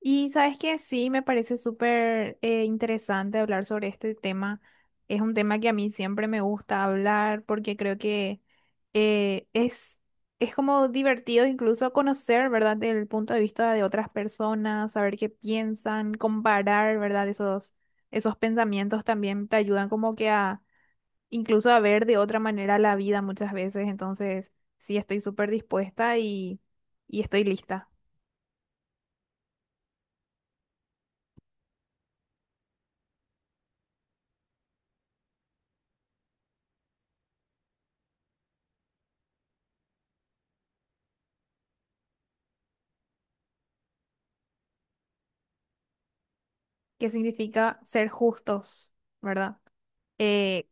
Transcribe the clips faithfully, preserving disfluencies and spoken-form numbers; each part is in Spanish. Y sabes que sí, me parece súper eh, interesante hablar sobre este tema. Es un tema que a mí siempre me gusta hablar porque creo que eh, es, es como divertido incluso conocer, ¿verdad?, del punto de vista de otras personas, saber qué piensan, comparar, ¿verdad? Esos, esos pensamientos también te ayudan como que a incluso a ver de otra manera la vida muchas veces. Entonces, sí, estoy súper dispuesta y, y estoy lista. ¿Qué significa ser justos, verdad? Eh,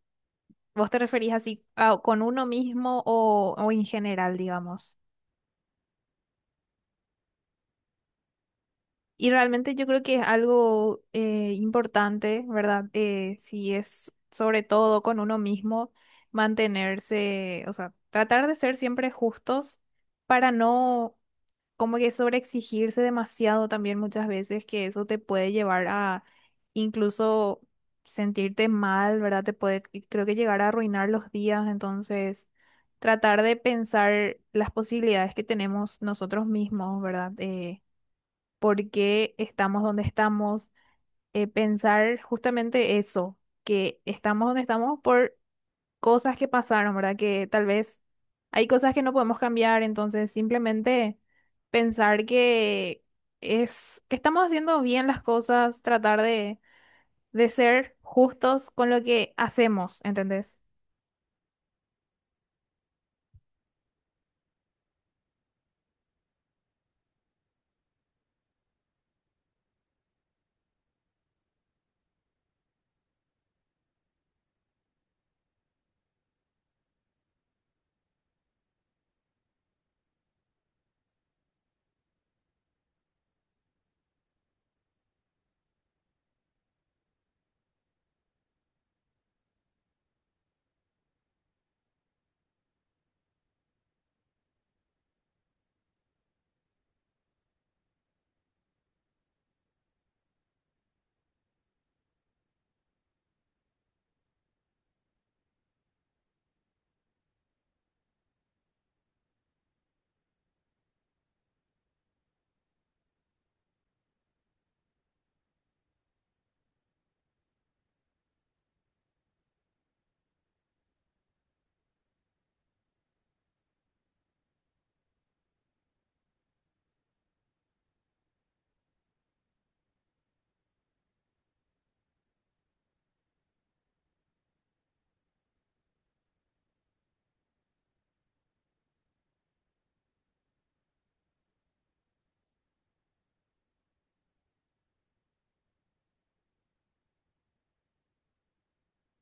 ¿vos te referís así a- con uno mismo o, o en general, digamos? Y realmente yo creo que es algo eh, importante, ¿verdad? Eh, si es sobre todo con uno mismo, mantenerse, o sea, tratar de ser siempre justos para no como que sobreexigirse demasiado también muchas veces, que eso te puede llevar a incluso sentirte mal, ¿verdad? Te puede, y creo que llegar a arruinar los días, entonces tratar de pensar las posibilidades que tenemos nosotros mismos, ¿verdad? Eh, por qué estamos donde estamos, eh, pensar justamente eso, que estamos donde estamos por cosas que pasaron, ¿verdad? Que tal vez hay cosas que no podemos cambiar, entonces simplemente pensar que es que estamos haciendo bien las cosas, tratar de, de ser justos con lo que hacemos, ¿entendés?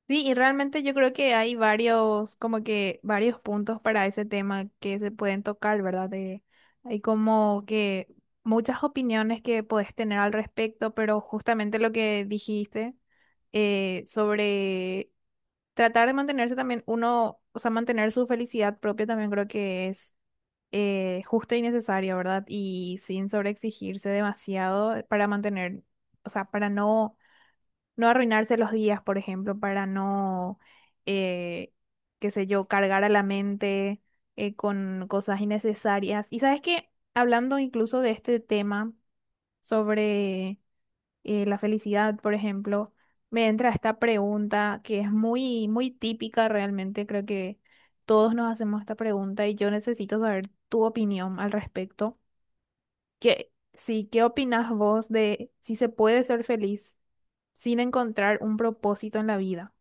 Sí, y realmente yo creo que hay varios, como que varios puntos para ese tema que se pueden tocar, ¿verdad? De, hay como que muchas opiniones que podés tener al respecto, pero justamente lo que dijiste eh, sobre tratar de mantenerse también uno, o sea, mantener su felicidad propia también creo que es eh, justo y necesario, ¿verdad? Y sin sobreexigirse demasiado para mantener, o sea, para no no arruinarse los días, por ejemplo, para no, eh, qué sé yo, cargar a la mente eh, con cosas innecesarias. Y sabes que, hablando incluso de este tema sobre eh, la felicidad, por ejemplo, me entra esta pregunta que es muy, muy típica realmente, creo que todos nos hacemos esta pregunta y yo necesito saber tu opinión al respecto. ¿Qué, sí, qué opinas vos de si se puede ser feliz sin encontrar un propósito en la vida?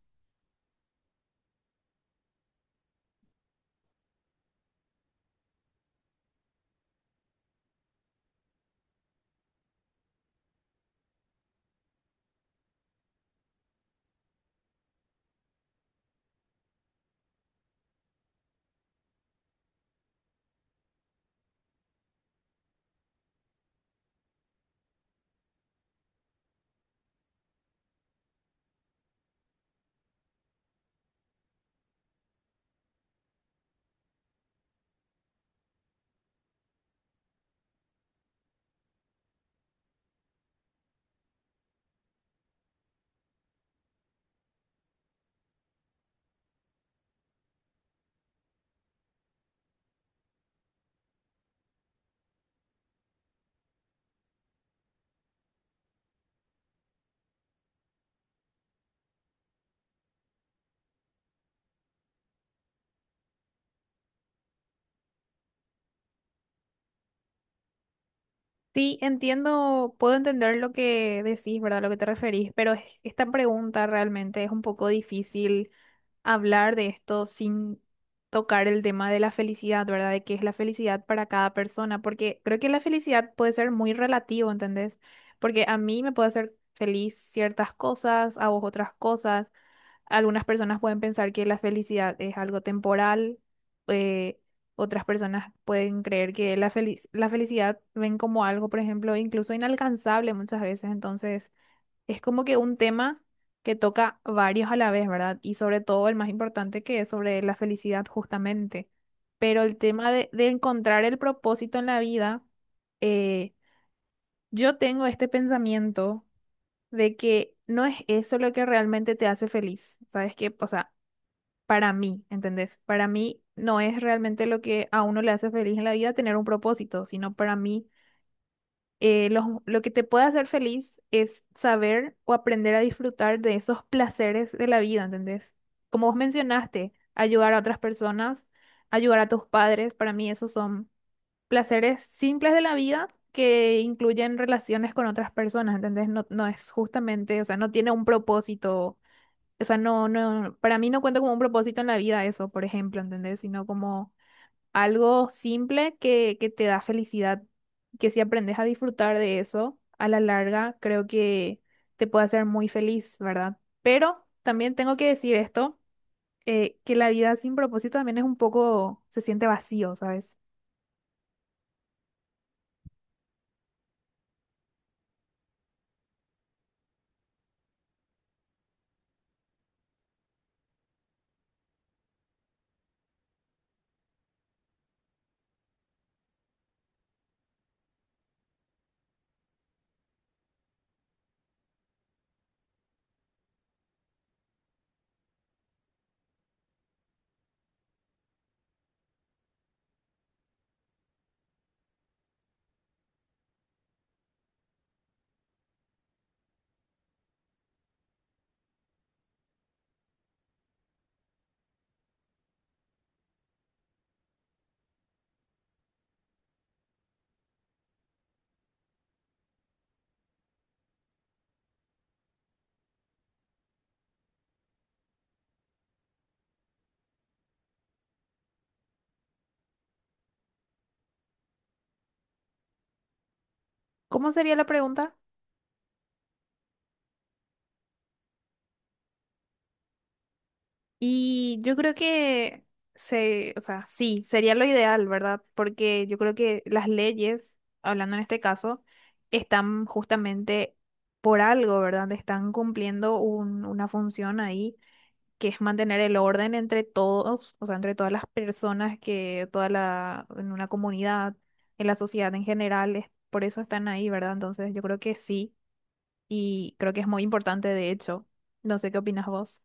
Sí, entiendo, puedo entender lo que decís, ¿verdad? Lo que te referís, pero es- esta pregunta realmente es un poco difícil hablar de esto sin tocar el tema de la felicidad, ¿verdad? De qué es la felicidad para cada persona, porque creo que la felicidad puede ser muy relativo, ¿entendés? Porque a mí me puede hacer feliz ciertas cosas, a vos otras cosas. Algunas personas pueden pensar que la felicidad es algo temporal, eh, otras personas pueden creer que la felic- la felicidad ven como algo, por ejemplo, incluso inalcanzable muchas veces. Entonces, es como que un tema que toca varios a la vez, ¿verdad? Y sobre todo el más importante que es sobre la felicidad justamente. Pero el tema de, de encontrar el propósito en la vida, eh, yo tengo este pensamiento de que no es eso lo que realmente te hace feliz. ¿Sabes qué? O sea, para mí, ¿entendés? Para mí no es realmente lo que a uno le hace feliz en la vida tener un propósito, sino para mí eh, lo, lo que te puede hacer feliz es saber o aprender a disfrutar de esos placeres de la vida, ¿entendés? Como vos mencionaste, ayudar a otras personas, ayudar a tus padres, para mí esos son placeres simples de la vida que incluyen relaciones con otras personas, ¿entendés? No, no es justamente, o sea, no tiene un propósito, o sea, no, no, para mí no cuenta como un propósito en la vida eso, por ejemplo, ¿entendés? Sino como algo simple que, que te da felicidad, que si aprendes a disfrutar de eso a la larga, creo que te puede hacer muy feliz, ¿verdad? Pero también tengo que decir esto, eh, que la vida sin propósito también es un poco, se siente vacío, ¿sabes? ¿Cómo sería la pregunta? Y yo creo que se, o sea, sí, sería lo ideal, ¿verdad? Porque yo creo que las leyes, hablando en este caso, están justamente por algo, ¿verdad? Están cumpliendo un- una función ahí, que es mantener el orden entre todos, o sea, entre todas las personas que toda la, en una comunidad, en la sociedad en general, es- por eso están ahí, ¿verdad? Entonces, yo creo que sí, y creo que es muy importante, de hecho. No sé qué opinas vos.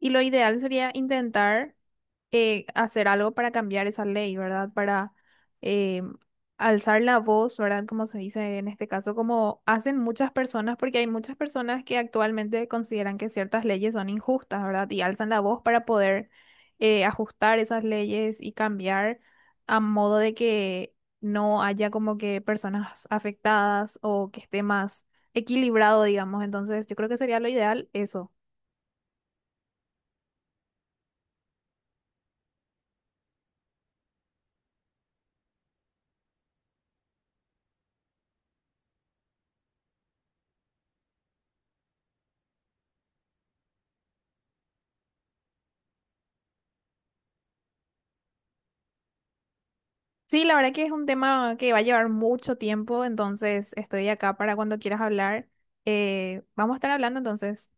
Y lo ideal sería intentar eh, hacer algo para cambiar esa ley, ¿verdad? Para eh, alzar la voz, ¿verdad? Como se dice en este caso, como hacen muchas personas, porque hay muchas personas que actualmente consideran que ciertas leyes son injustas, ¿verdad? Y alzan la voz para poder eh, ajustar esas leyes y cambiar a modo de que no haya como que personas afectadas o que esté más equilibrado, digamos. Entonces, yo creo que sería lo ideal eso. Sí, la verdad que es un tema que va a llevar mucho tiempo, entonces estoy acá para cuando quieras hablar. Eh, vamos a estar hablando entonces.